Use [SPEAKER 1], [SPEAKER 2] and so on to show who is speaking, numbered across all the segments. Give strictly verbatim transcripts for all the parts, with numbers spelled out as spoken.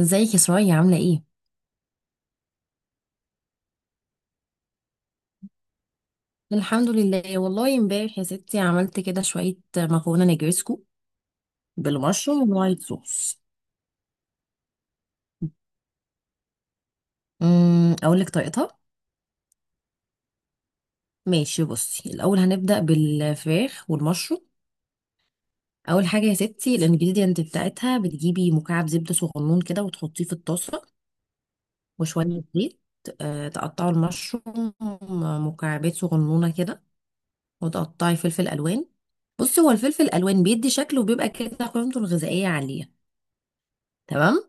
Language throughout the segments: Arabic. [SPEAKER 1] ازيك يا سرايا عاملة ايه؟ الحمد لله. والله امبارح يا ستي عملت كده شوية مكرونة نجرسكو بالمشروم والوايت صوص. امم اقول لك طريقتها. ماشي، بصي الاول هنبدأ بالفراخ والمشروم. اول حاجة يا ستي الانجريدينت بتاعتها، بتجيبي مكعب زبدة صغنون كده وتحطيه في الطاسة وشوية زيت. آه، تقطعوا المشروم مكعبات صغنونة كده، وتقطعي فلفل الوان. بصي هو الفلفل الالوان بيدي شكل وبيبقى كده قيمته الغذائية عالية. تمام.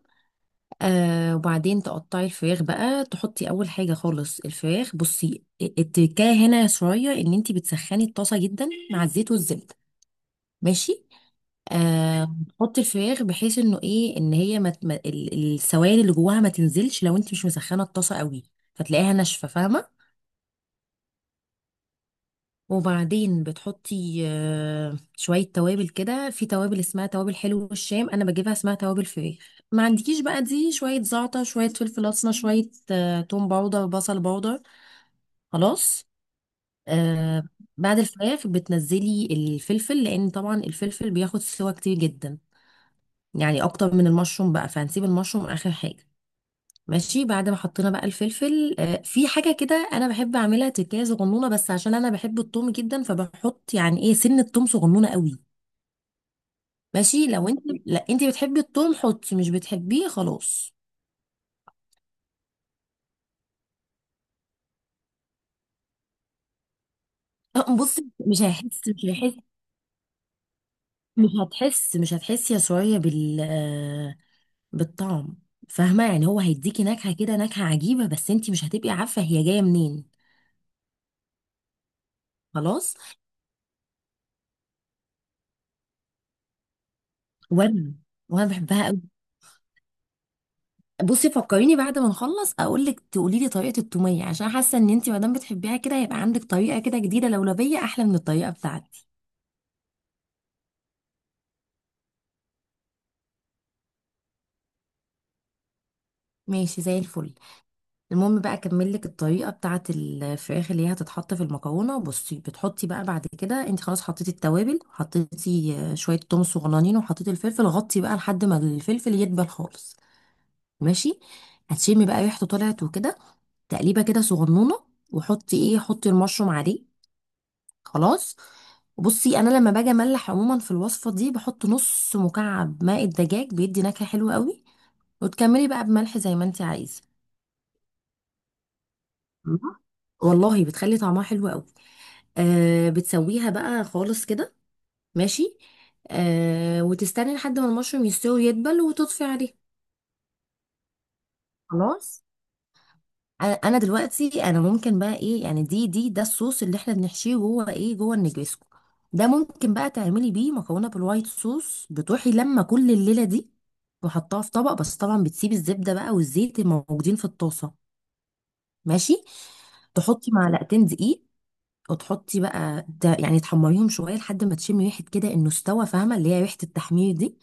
[SPEAKER 1] آه وبعدين تقطعي الفراخ بقى، تحطي اول حاجه خالص الفراخ. بصي التكايه هنا شويه ان انت بتسخني الطاسه جدا مع الزيت والزبده. ماشي. آه تحطي الفراخ، بحيث انه ايه، ان هي ما ت- ما- ال- السوائل اللي جواها ما تنزلش لو انت مش مسخنه الطاسه قوي، فتلاقيها ناشفه، فاهمه. وبعدين بتحطي آه، شوية توابل كده، في توابل اسمها توابل حلو الشام أنا بجيبها، اسمها توابل فراخ. ما عندكيش بقى، دي شوية زعتر، شوية فلفل أسمر، شوية آه، توم باودر، بصل باودر. خلاص. آه. بعد الفراخ بتنزلي الفلفل، لأن طبعا الفلفل بياخد سوا كتير جدا، يعني أكتر من المشروم بقى، فهنسيب المشروم آخر حاجة. ماشي. بعد ما حطينا بقى الفلفل، آه، في حاجة كده أنا بحب أعملها، تكاية صغنونة بس، عشان أنا بحب التوم جدا فبحط يعني إيه سن التوم صغنونة قوي. ماشي. لو أنت لا، أنت بتحبي التوم حطي، مش بتحبيه خلاص. آه، بصي مش هيحس، مش هيحس. مش هتحس مش هتحسي يا سوريا بال آه، بالطعم. فاهمة؟ يعني هو هيديكي نكهة كده، نكهة عجيبة، بس أنت مش هتبقي عارفة هي جاية منين. خلاص. وأنا وأنا بحبها. بصي فكريني بعد ما نخلص اقول لك، تقولي لي طريقه التوميه، عشان حاسه ان انت ما دام بتحبيها كده هيبقى عندك طريقه كده جديده لولبيه احلى من الطريقه بتاعتي. ماشي زي الفل. المهم بقى اكمل لك الطريقه بتاعه الفراخ اللي هي هتتحط في المكرونه. بصي بتحطي بقى بعد كده، انت خلاص حطيتي التوابل، حطيتي آه، شويه توم صغننين، وحطيتي الفلفل، غطي بقى لحد ما الفلفل يدبل خالص. ماشي. هتشمي بقى ريحته طلعت وكده، تقليبه كده صغنونه، وحطي ايه حطي المشروم عليه. خلاص. بصي انا لما باجي املح عموما في الوصفه دي، بحط نص مكعب ماء الدجاج، بيدي نكهه حلوه قوي، وتكملي بقى بملح زي ما انت عايزه. تمام؟ والله بتخلي طعمها حلو قوي. آه بتسويها بقى خالص كده. ماشي. آه وتستني لحد ما المشروم يستوي ويدبل، وتطفي عليه. خلاص. انا أنا دلوقتي انا ممكن بقى ايه، يعني دي دي ده الصوص اللي احنا بنحشيه جوه ايه جوه النجريسكو. ده ممكن بقى تعملي بيه مكرونه بالوايت صوص. بتروحي لما كل الليله دي وحطها في طبق، بس طبعا بتسيبي الزبده بقى والزيت الموجودين في الطاسه. ماشي. تحطي معلقتين دقيق، وتحطي بقى ده يعني، تحمريهم شويه لحد ما تشمي ريحه كده انه استوى، فاهمه اللي هي ريحه التحمير دي.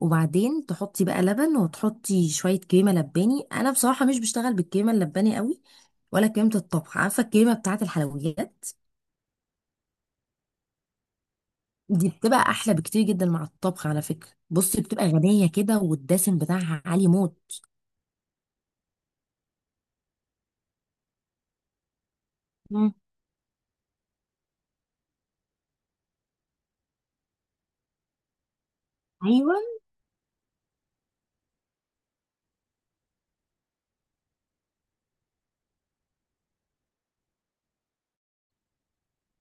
[SPEAKER 1] وبعدين تحطي بقى لبن، وتحطي شوية كريمة لباني. أنا بصراحة مش بشتغل بالكريمة اللباني قوي، ولا كريمة الطبخ، عارفة الكريمة بتاعة الحلويات؟ دي بتبقى أحلى بكتير جدا مع الطبخ على فكرة. بصي بتبقى غنية كده، والدسم بتاعها عالي موت. مم. ايوه.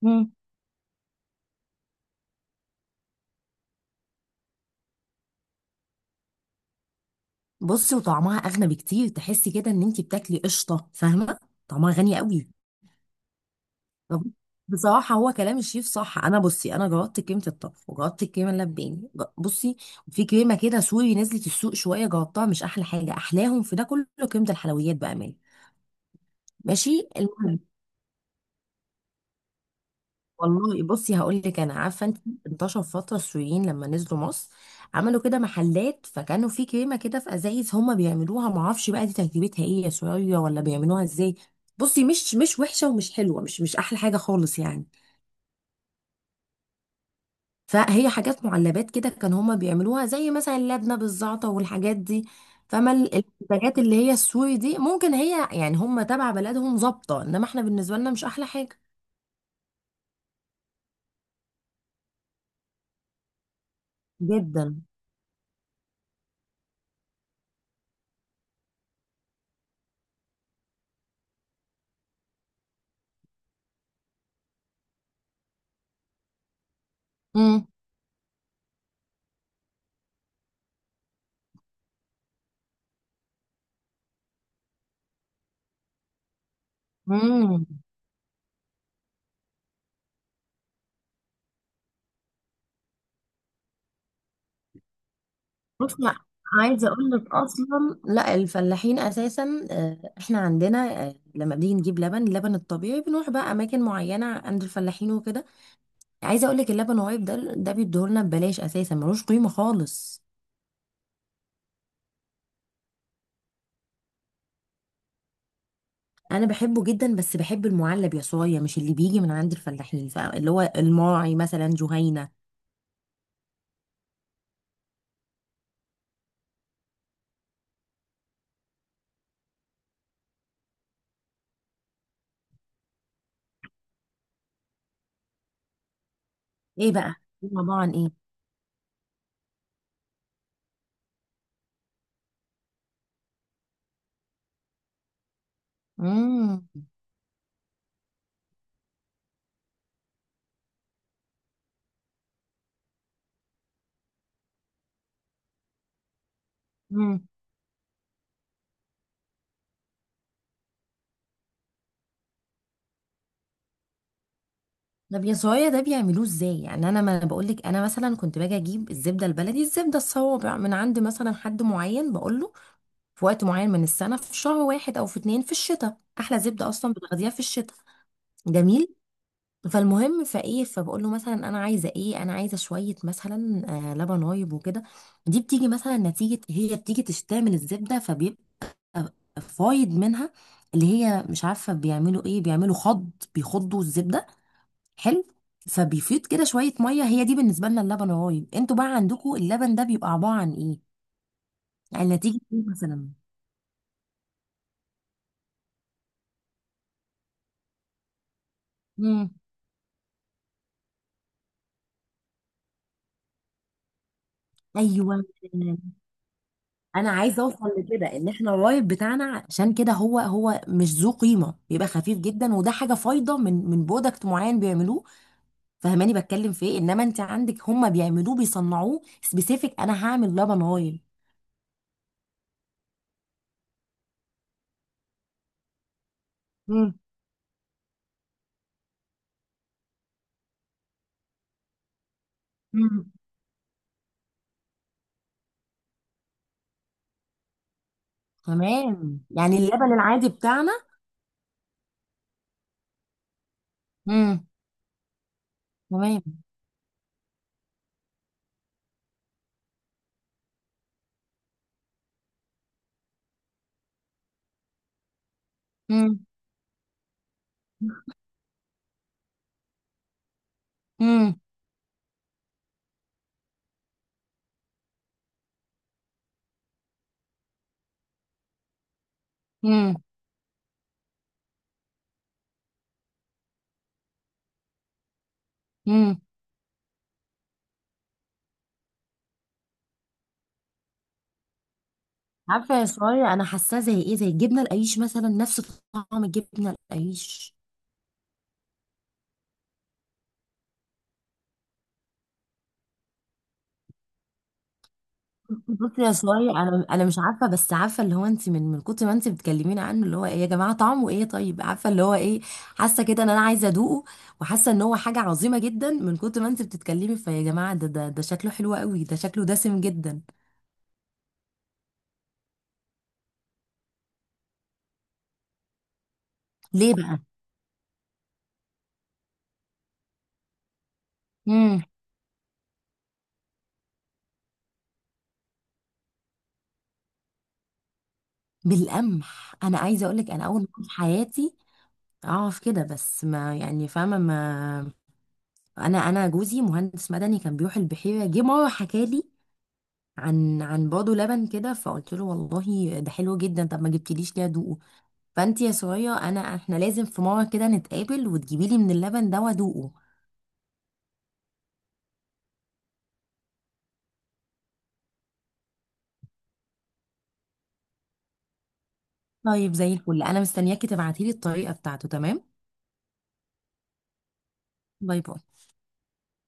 [SPEAKER 1] مم. بصي وطعمها أغنى بكتير، تحسي كده إن أنتي بتاكلي قشطة، فاهمة؟ طعمها غني قوي. طب، بصراحة هو كلام الشيف صح. أنا بصي أنا جربت كريمة الطبخ، وجربت الكريمة اللباني ج- بصي. في كريمة كده سوري نزلت السوق شوية جربتها، مش أحلى حاجة. أحلاهم في ده كله كريمة الحلويات بأمان. ماشي المهم. والله بصي هقول لك، أنا عارفة أنت، انتشر فترة السوريين لما نزلوا مصر، عملوا كده محلات، فكانوا في كريمة كده في أزايز هما بيعملوها، معرفش بقى دي تركيبتها إيه يا سورية، ولا بيعملوها إزاي. بصي مش مش وحشة ومش حلوة، مش مش أحلى حاجة خالص يعني. فهي حاجات معلبات كده كان هما بيعملوها، زي مثلا اللبنة بالزعتر والحاجات دي. فما ال- المنتجات اللي هي السوري دي ممكن هي يعني هما تبع بلدهم ظابطة، انما احنا بالنسبة لنا مش احلى حاجة. جدا. امم. امم. بص، لا، عايزه اقول لك اصلا، لا الفلاحين اساسا، آه، احنا عندنا آه، لما بنيجي نجيب لبن اللبن الطبيعي، بنروح بقى اماكن معينه عند الفلاحين وكده. عايزه اقول لك اللبن الرايب ده ده بيديهولنا ببلاش اساسا، ملوش قيمه خالص. انا بحبه جدا، بس بحب المعلب يا صويا، مش اللي بيجي من عند الفلاحين، ف- اللي هو الماعي مثلا جهينة. ايه بقى؟ طبعا ايه. امم. امم. طب يا صويا، ده بيعملوه ازاي؟ يعني انا ما بقول لك، انا مثلا كنت باجي اجيب الزبده البلدي، الزبده الصوابع، من عند مثلا حد معين، بقول له في وقت معين من السنه، في شهر واحد او في اتنين، في الشتاء، احلى زبده اصلا بتاخديها في الشتاء. جميل. فالمهم فايه، فبقول له مثلا انا عايزه ايه انا عايزه شويه مثلا، آه لبن رايب وكده. دي بتيجي مثلا نتيجه، هي بتيجي تشتري من الزبده فبيبقى فايض منها، اللي هي مش عارفه بيعملوا ايه، بيعملوا خض، بيخضوا الزبده. حلو. فبيفيض كده شويه ميه، هي دي بالنسبه لنا اللبن الرايب. انتوا بقى عندكم اللبن ده بيبقى عباره عن ايه؟ يعني نتيجه ايه مثلا؟ امم. ايوه. انا عايزه اوصل لكده، ان احنا الرايب بتاعنا عشان كده هو هو مش ذو قيمه، بيبقى خفيف جدا، وده حاجه فايضه من من برودكت معين بيعملوه. فهماني بتكلم في ايه؟ انما انت عندك هم بيعملوه، بيصنعوه سبيسيفيك، انا هعمل لبن رايب. مم. مم. تمام، يعني اللبن العادي بتاعنا. امم. تمام. امم. امم. امم. امم. عارفه يا شويه، انا حاساه زي ايه زي الجبنه القريش مثلا، نفس طعم الجبنه القريش. بصي يا سوري، انا انا مش عارفه، بس عارفه اللي هو انت من من كتر ما انت بتكلميني عنه اللي هو ايه يا جماعه، طعمه ايه، طيب، عارفه اللي هو ايه. حاسه كده ان انا عايزه ادوقه. وحاسه ان هو حاجه عظيمه جدا، من كتر ما انت بتتكلمي، فيا جماعه ده ده ده شكله حلو قوي، ده شكله دسم جدا. ليه بقى؟ امم. بالقمح. انا عايزه اقول لك، انا اول مره في حياتي اعرف كده، بس ما يعني فاهمه ما. انا انا جوزي مهندس مدني كان بيروح البحيره، جه مره حكالي عن عن بيض لبن كده، فقلت له والله ده حلو جدا، طب ما جبتليش ليه ادوقه؟ فانت يا سوريا انا احنا لازم في مره كده نتقابل، وتجيبي لي من اللبن ده وادوقه. طيب زي الفل، انا مستنياكي تبعتي لي الطريقه بتاعته، تمام؟ باي باي.